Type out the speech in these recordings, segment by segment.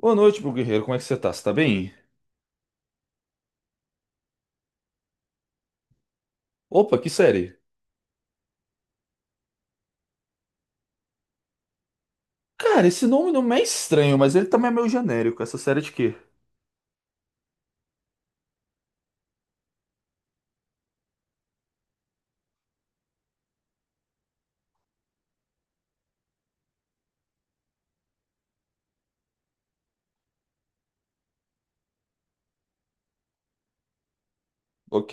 Boa noite, meu guerreiro. Como é que você tá? Você tá bem? Opa, que série? Cara, esse nome não é estranho, mas ele também é meio genérico. Essa série é de quê? Ok.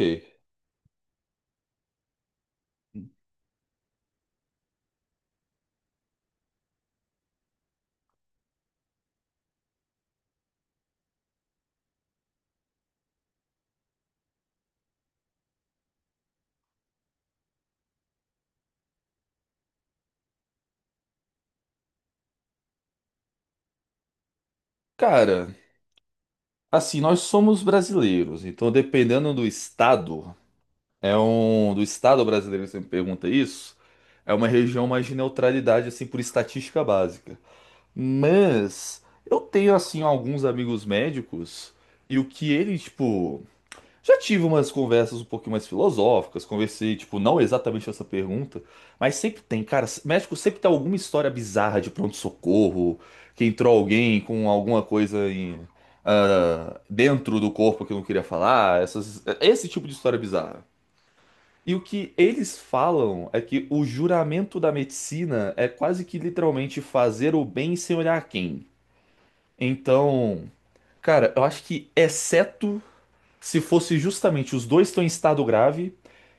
Cara, assim, nós somos brasileiros, então dependendo do estado, é um do estado brasileiro você me pergunta isso, é uma região mais de neutralidade, assim, por estatística básica. Mas eu tenho, assim, alguns amigos médicos, e o que eles, tipo, já tive umas conversas um pouquinho mais filosóficas, conversei, tipo, não exatamente essa pergunta, mas sempre tem, cara, México sempre tem alguma história bizarra de pronto-socorro, que entrou alguém com alguma coisa em, ah, dentro do corpo que eu não queria falar, essas, esse tipo de história bizarra. E o que eles falam é que o juramento da medicina é quase que literalmente fazer o bem sem olhar a quem. Então, cara, eu acho que exceto se fosse justamente os dois estão em estado grave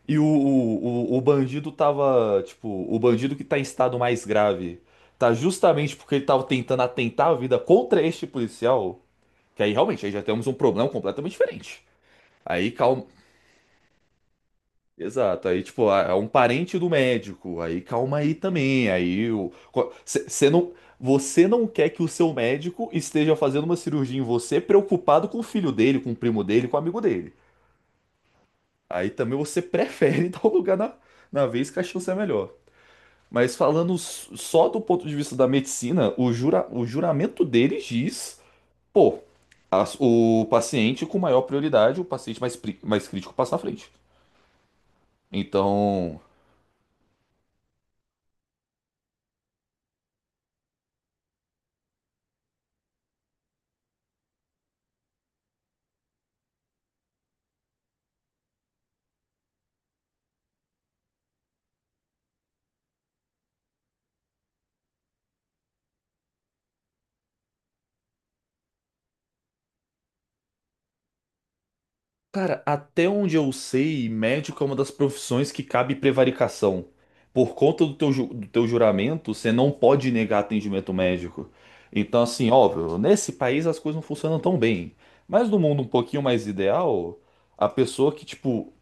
e o bandido tava, tipo, o bandido que tá em estado mais grave tá justamente porque ele tava tentando atentar a vida contra este policial, que aí realmente aí já temos um problema completamente diferente. Aí calma. Exato, aí tipo, ah, é um parente do médico, aí calma aí também, aí o você não você não quer que o seu médico esteja fazendo uma cirurgia em você preocupado com o filho dele, com o primo dele, com o amigo dele. Aí também você prefere dar o lugar na, na vez que a chance é melhor. Mas falando só do ponto de vista da medicina, o, jura, o juramento deles diz, pô, o paciente com maior prioridade, o paciente mais, mais crítico passa na frente. Então, cara, até onde eu sei, médico é uma das profissões que cabe prevaricação. Por conta do teu, do teu juramento, você não pode negar atendimento médico. Então, assim, óbvio, nesse país as coisas não funcionam tão bem. Mas no mundo um pouquinho mais ideal, a pessoa que, tipo,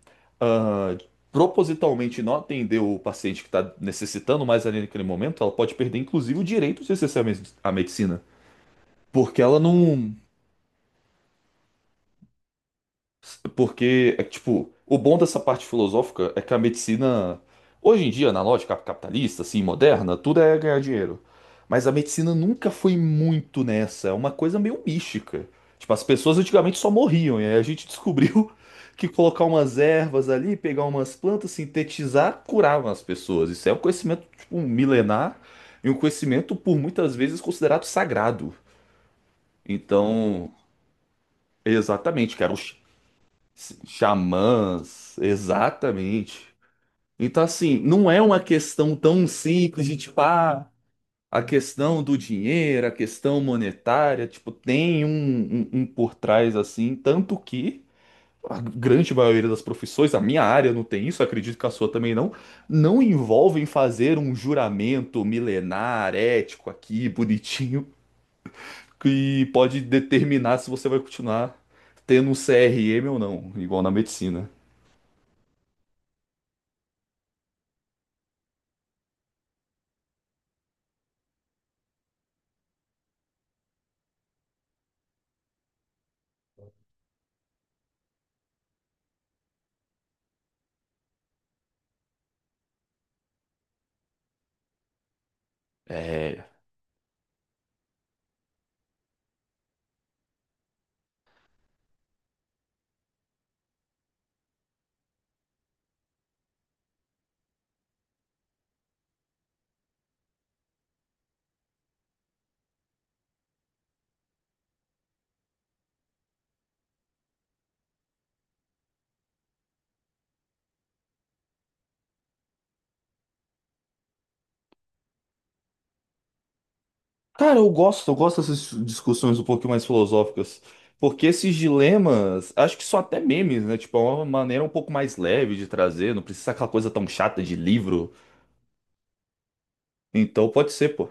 ah, propositalmente não atendeu o paciente que está necessitando mais ali naquele momento, ela pode perder, inclusive, o direito de acessar a a medicina. Porque ela não. Porque, é que, tipo, o bom dessa parte filosófica é que a medicina, hoje em dia, na lógica capitalista, assim, moderna, tudo é ganhar dinheiro. Mas a medicina nunca foi muito nessa, é uma coisa meio mística. Tipo, as pessoas antigamente só morriam, e aí a gente descobriu que colocar umas ervas ali, pegar umas plantas, sintetizar, curavam as pessoas. Isso é um conhecimento, tipo, um milenar e um conhecimento, por muitas vezes, considerado sagrado. Então, exatamente, cara xamãs, exatamente. Então, assim, não é uma questão tão simples de tipo, ah, a questão do dinheiro, a questão monetária, tipo, tem um por trás assim, tanto que a grande maioria das profissões, a minha área não tem isso, acredito que a sua também não, não envolvem fazer um juramento milenar, ético aqui, bonitinho, que pode determinar se você vai continuar tendo um CRM ou não, igual na medicina. É. Cara, eu gosto dessas discussões um pouquinho mais filosóficas, porque esses dilemas, acho que são até memes, né? Tipo, é uma maneira um pouco mais leve de trazer, não precisa ser aquela coisa tão chata de livro. Então pode ser, pô.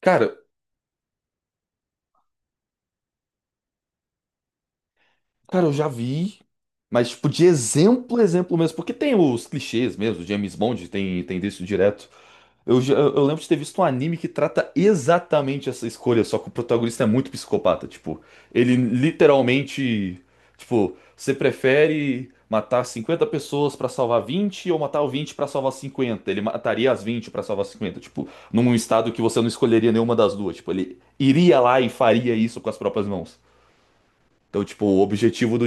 Cara, cara, eu já vi, mas tipo, de exemplo, exemplo mesmo, porque tem os clichês mesmo, James Bond tem, tem disso direto. Eu, eu lembro de ter visto um anime que trata exatamente essa escolha, só que o protagonista é muito psicopata. Tipo, ele literalmente. Tipo, você prefere matar 50 pessoas pra salvar 20 ou matar o 20 pra salvar 50? Ele mataria as 20 pra salvar 50. Tipo, num estado que você não escolheria nenhuma das duas. Tipo, ele iria lá e faria isso com as próprias mãos. Então, tipo, o objetivo do...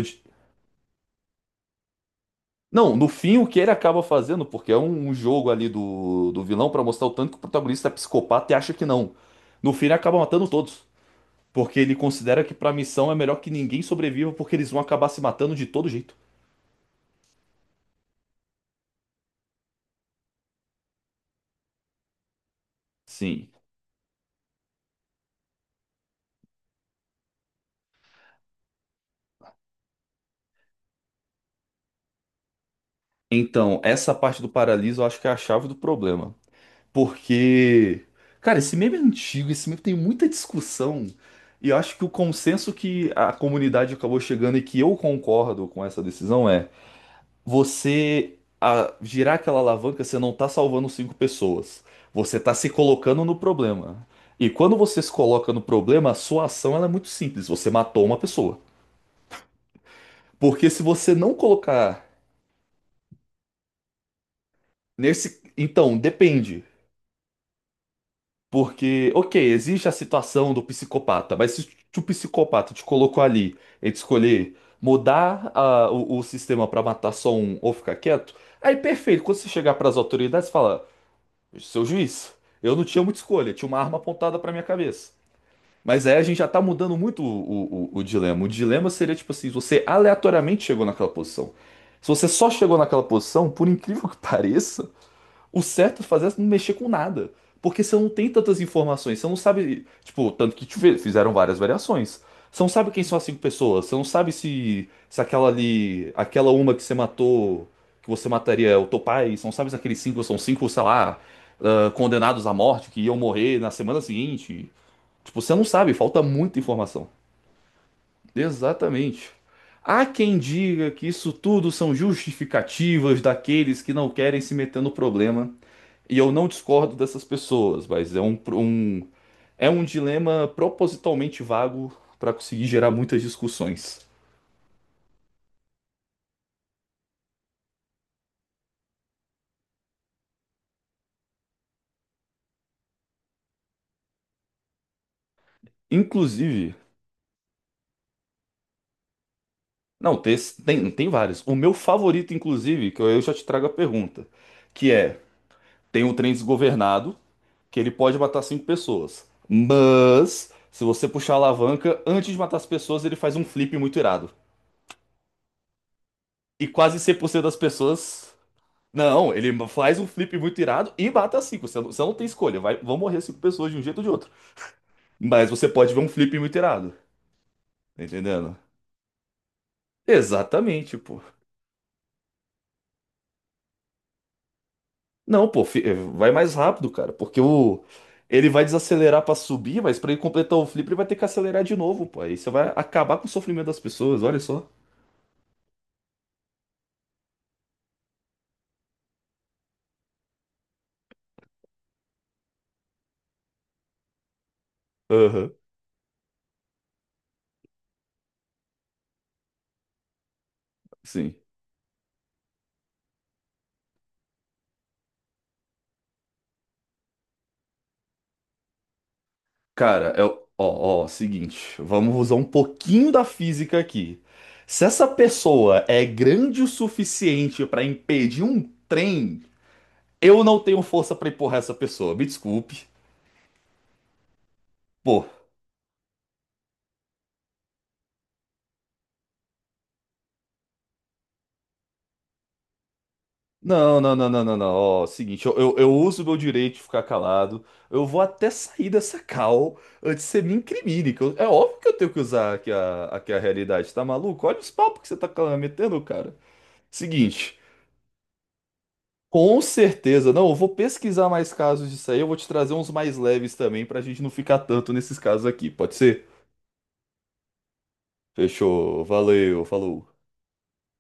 Não, no fim, o que ele acaba fazendo, porque é um, um jogo ali do, do vilão pra mostrar o tanto que o protagonista é psicopata e acha que não. No fim, ele acaba matando todos, porque ele considera que pra missão é melhor que ninguém sobreviva, porque eles vão acabar se matando de todo jeito. Sim. Então, essa parte do paraliso eu acho que é a chave do problema. Porque, cara, esse meme é antigo, esse meme tem muita discussão. E eu acho que o consenso que a comunidade acabou chegando e que eu concordo com essa decisão é: você a girar aquela alavanca, você não tá salvando cinco pessoas. Você tá se colocando no problema. E quando você se coloca no problema, a sua ação ela é muito simples. Você matou uma pessoa. Porque se você não colocar nesse. Então, depende. Porque, ok, existe a situação do psicopata, mas se o psicopata te colocou ali entre escolher mudar o sistema pra matar só um ou ficar quieto, aí perfeito. Quando você chegar pras autoridades, fala. Seu juiz. Eu não tinha muita escolha, tinha uma arma apontada pra minha cabeça. Mas aí a gente já tá mudando muito o dilema. O dilema seria tipo assim: você aleatoriamente chegou naquela posição. Se você só chegou naquela posição, por incrível que pareça, o certo a fazer é não mexer com nada. Porque você não tem tantas informações, você não sabe. Tipo, tanto que fizeram várias variações. Você não sabe quem são as cinco pessoas, você não sabe se, se aquela ali. Aquela uma que você matou, que você mataria é o teu pai, você não sabe se aqueles cinco são cinco, sei lá, ah, condenados à morte que iam morrer na semana seguinte. Tipo, você não sabe, falta muita informação. Exatamente. Há quem diga que isso tudo são justificativas daqueles que não querem se meter no problema. E eu não discordo dessas pessoas, mas é um, é um dilema propositalmente vago para conseguir gerar muitas discussões. Inclusive, não, tem vários. O meu favorito, inclusive, que eu já te trago a pergunta, que é: tem um trem desgovernado, que ele pode matar cinco pessoas, mas se você puxar a alavanca, antes de matar as pessoas, ele faz um flip muito irado. E quase 100% das pessoas... Não, ele faz um flip muito irado e mata cinco. Você não tem escolha. Vai, vão morrer cinco pessoas de um jeito ou de outro. Mas você pode ver um flip muito irado. Tá entendendo? Exatamente, pô. Não, pô, vai mais rápido, cara. Porque o. Ele vai desacelerar pra subir, mas pra ele completar o flip, ele vai ter que acelerar de novo, pô. Aí você vai acabar com o sofrimento das pessoas, olha só. Aham, sim. Cara, eu, ó, ó, seguinte, vamos usar um pouquinho da física aqui. Se essa pessoa é grande o suficiente pra impedir um trem, eu não tenho força pra empurrar essa pessoa. Me desculpe. Pô, não, não, não, não, não, não. Ó, seguinte, eu uso meu direito de ficar calado. Eu vou até sair dessa cal antes que você me incrimine. Que é óbvio que eu tenho que usar aqui a, aqui a realidade, tá maluco? Olha os papos que você tá metendo, cara. Seguinte. Com certeza. Não, eu vou pesquisar mais casos disso aí. Eu vou te trazer uns mais leves também, pra gente não ficar tanto nesses casos aqui. Pode ser? Fechou. Valeu. Falou.